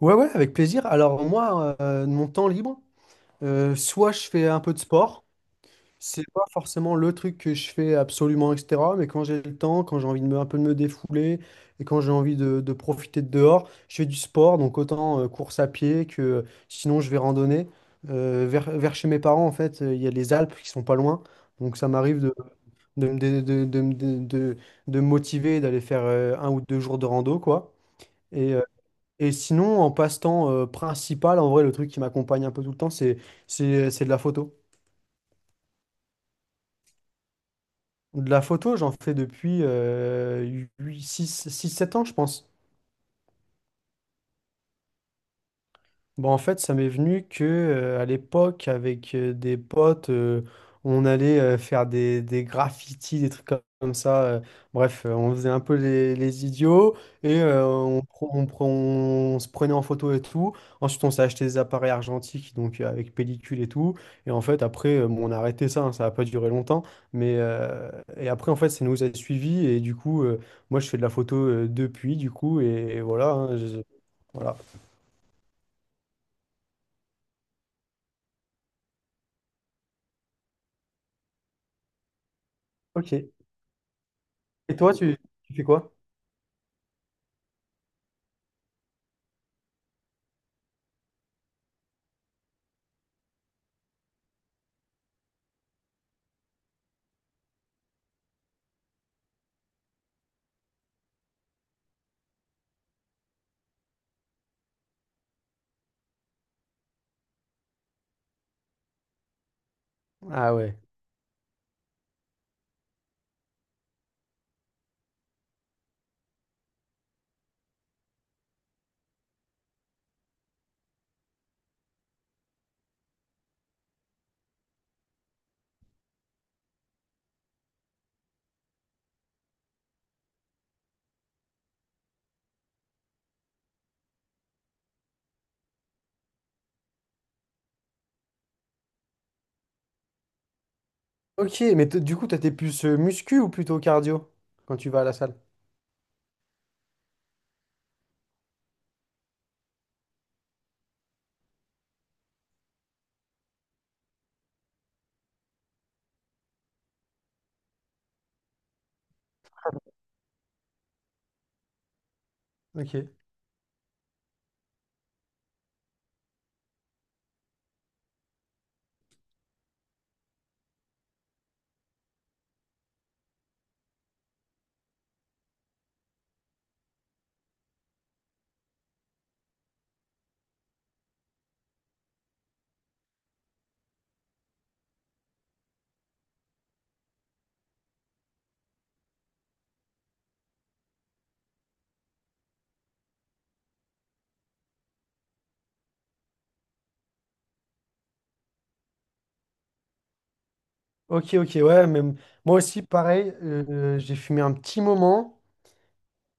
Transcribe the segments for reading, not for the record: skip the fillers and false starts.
Ouais, ouais, avec plaisir. Alors moi, de mon temps libre, soit je fais un peu de sport. C'est pas forcément le truc que je fais absolument, etc. Mais quand j'ai le temps, quand j'ai envie de me, un peu de me défouler et quand j'ai envie de profiter de dehors, je fais du sport, donc autant course à pied que sinon je vais randonner. Vers chez mes parents, en fait, il y a les Alpes qui sont pas loin, donc ça m'arrive de, me dé- de me motiver et d'aller faire un ou deux jours de rando, quoi. Et, euh, et sinon, en passe-temps principal, en vrai, le truc qui m'accompagne un peu tout le temps, c'est de la photo. De la photo, j'en fais depuis six sept ans, je pense. Bon, en fait, ça m'est venu que à l'époque, avec des potes, on allait faire des graffitis, des trucs comme ça. On faisait un peu les idiots et on se prenait en photo et tout. Ensuite, on s'est acheté des appareils argentiques, donc avec pellicule et tout. Et en fait, après, bon, on a arrêté ça, hein, ça n'a pas duré longtemps. Mais, euh, et après, en fait, ça nous a suivis. Et du coup, moi, je fais de la photo depuis, du coup, et voilà. Hein, voilà. Ok. Et toi, tu fais quoi? Ah ouais. Ok, mais du coup, toi, t'es plus muscu ou plutôt cardio quand tu vas à la salle? Ok, ok, ok, ouais, même moi aussi, pareil, j'ai fumé un petit moment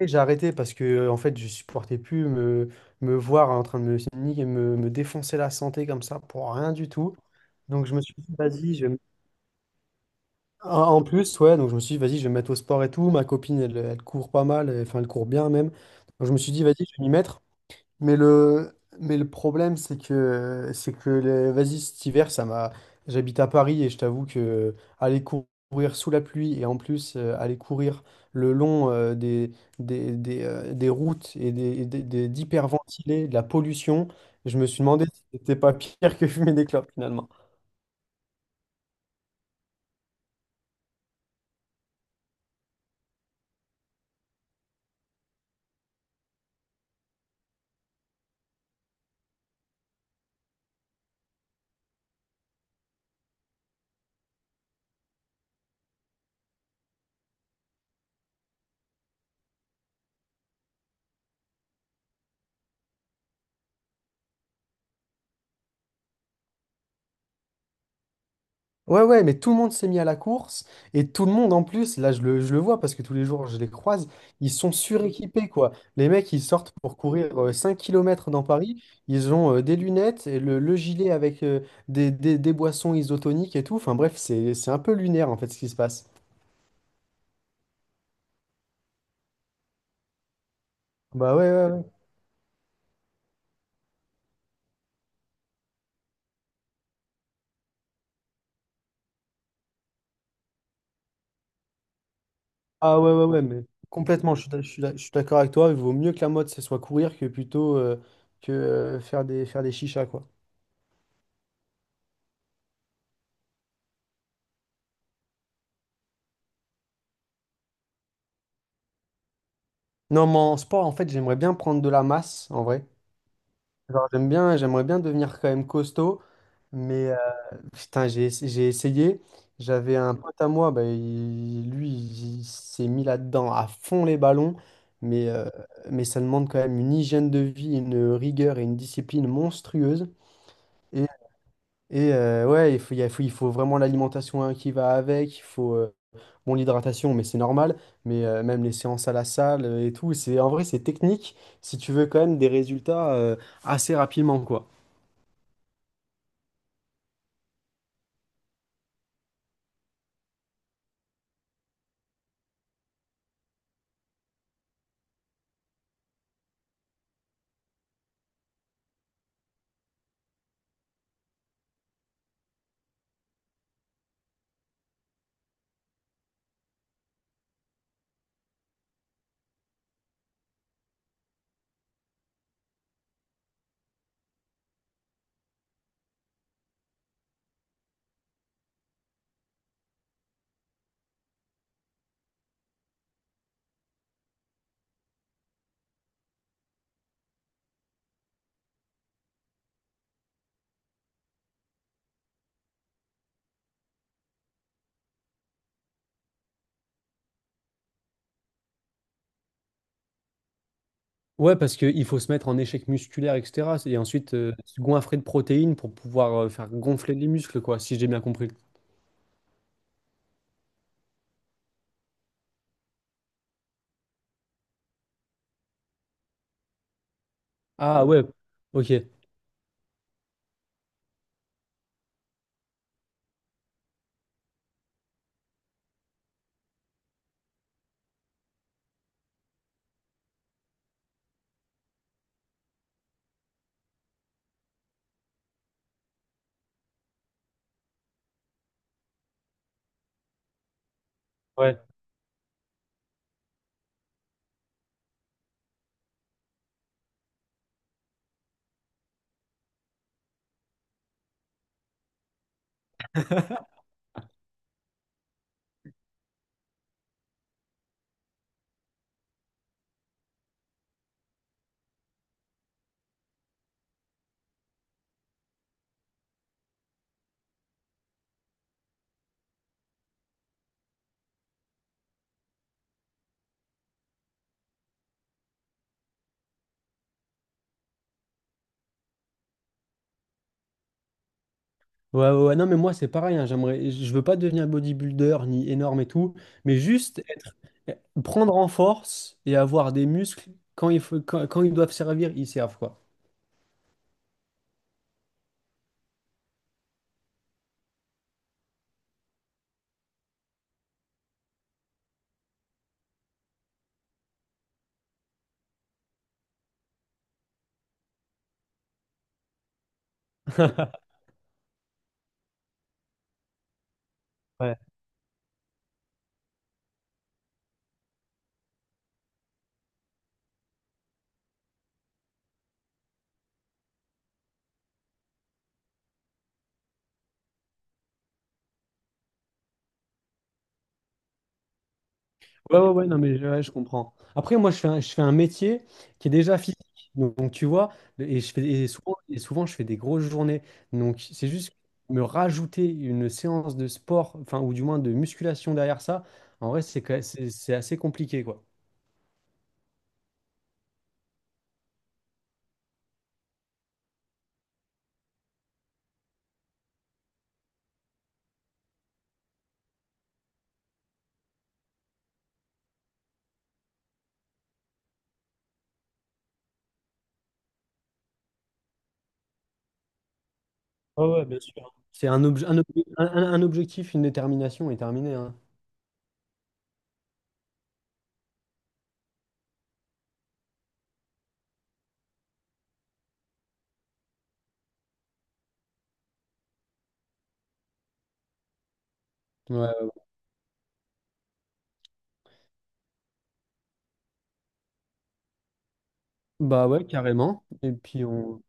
et j'ai arrêté parce que, en fait, je supportais plus me voir en train de me défoncer la santé comme ça pour rien du tout. Donc, je me suis dit, vas-y, en en plus, ouais, donc je me suis dit, vas-y, je vais me mettre au sport et tout. Ma copine, elle, elle court pas mal, enfin, elle court bien même. Donc, je me suis dit, vas-y, je vais m'y mettre. Mais mais le problème, c'est que cet hiver, ça m'a. J'habite à Paris et je t'avoue que courir sous la pluie et en plus aller courir le long des routes et d'hyperventilés, de la pollution, je me suis demandé si c'était pas pire que fumer des clopes finalement. Ouais, ouais, mais tout le monde s'est mis à la course et tout le monde en plus, là je le vois parce que tous les jours je les croise, ils sont suréquipés quoi. Les mecs ils sortent pour courir 5 km dans Paris, ils ont des lunettes, et le gilet avec des boissons isotoniques et tout. Enfin bref, c'est un peu lunaire en fait ce qui se passe. Bah ouais, ouais, ouais. Ah ouais, ouais, ouais, mais complètement, je suis d'accord avec toi, il vaut mieux que la mode ce soit courir que plutôt faire des chichas quoi. Non, mais en sport en fait j'aimerais bien prendre de la masse en vrai. Genre, j'aime bien, j'aimerais bien devenir quand même costaud, mais putain, j'ai essayé. J'avais un pote à moi, bah, il s'est mis là-dedans à fond les ballons, mais, euh, mais ça demande quand même une hygiène de vie, une rigueur et une discipline monstrueuse. Et, ouais, il faut, il y a- faut- il faut vraiment l'alimentation hein, qui va avec, il faut bon, l'hydratation, mais c'est normal, mais même les séances à la salle et tout, c'est, en vrai, c'est technique si tu veux quand même des résultats assez rapidement, quoi. Ouais, parce qu'il faut se mettre en échec musculaire, etc. Et ensuite, se goinfrer de protéines pour pouvoir faire gonfler les muscles, quoi, si j'ai bien compris. Ah ouais, ok. Ouais. Ouais, ouais, ouais. Non, mais moi, c'est pareil. Hein, j'aimerais, je veux pas devenir bodybuilder ni énorme et tout, mais juste prendre en force et avoir des muscles quand il faut, quand, quand ils doivent servir, ils servent, quoi. Ouais. Ouais, ouais, ouais, non, mais ouais, je comprends. Après, moi, je fais un métier qui est déjà physique. Donc, tu vois, et souvent, je fais des grosses journées. Donc, c'est juste me rajouter une séance de sport, enfin, ou du moins de musculation derrière ça, en vrai, c'est assez compliqué, quoi. Ouais, ouais, bien sûr. C'est un objectif, une détermination et terminé, hein. Ouais. Bah ouais, carrément. Et puis, on...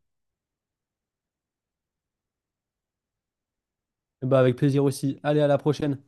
Bah, avec plaisir aussi. Allez, à la prochaine.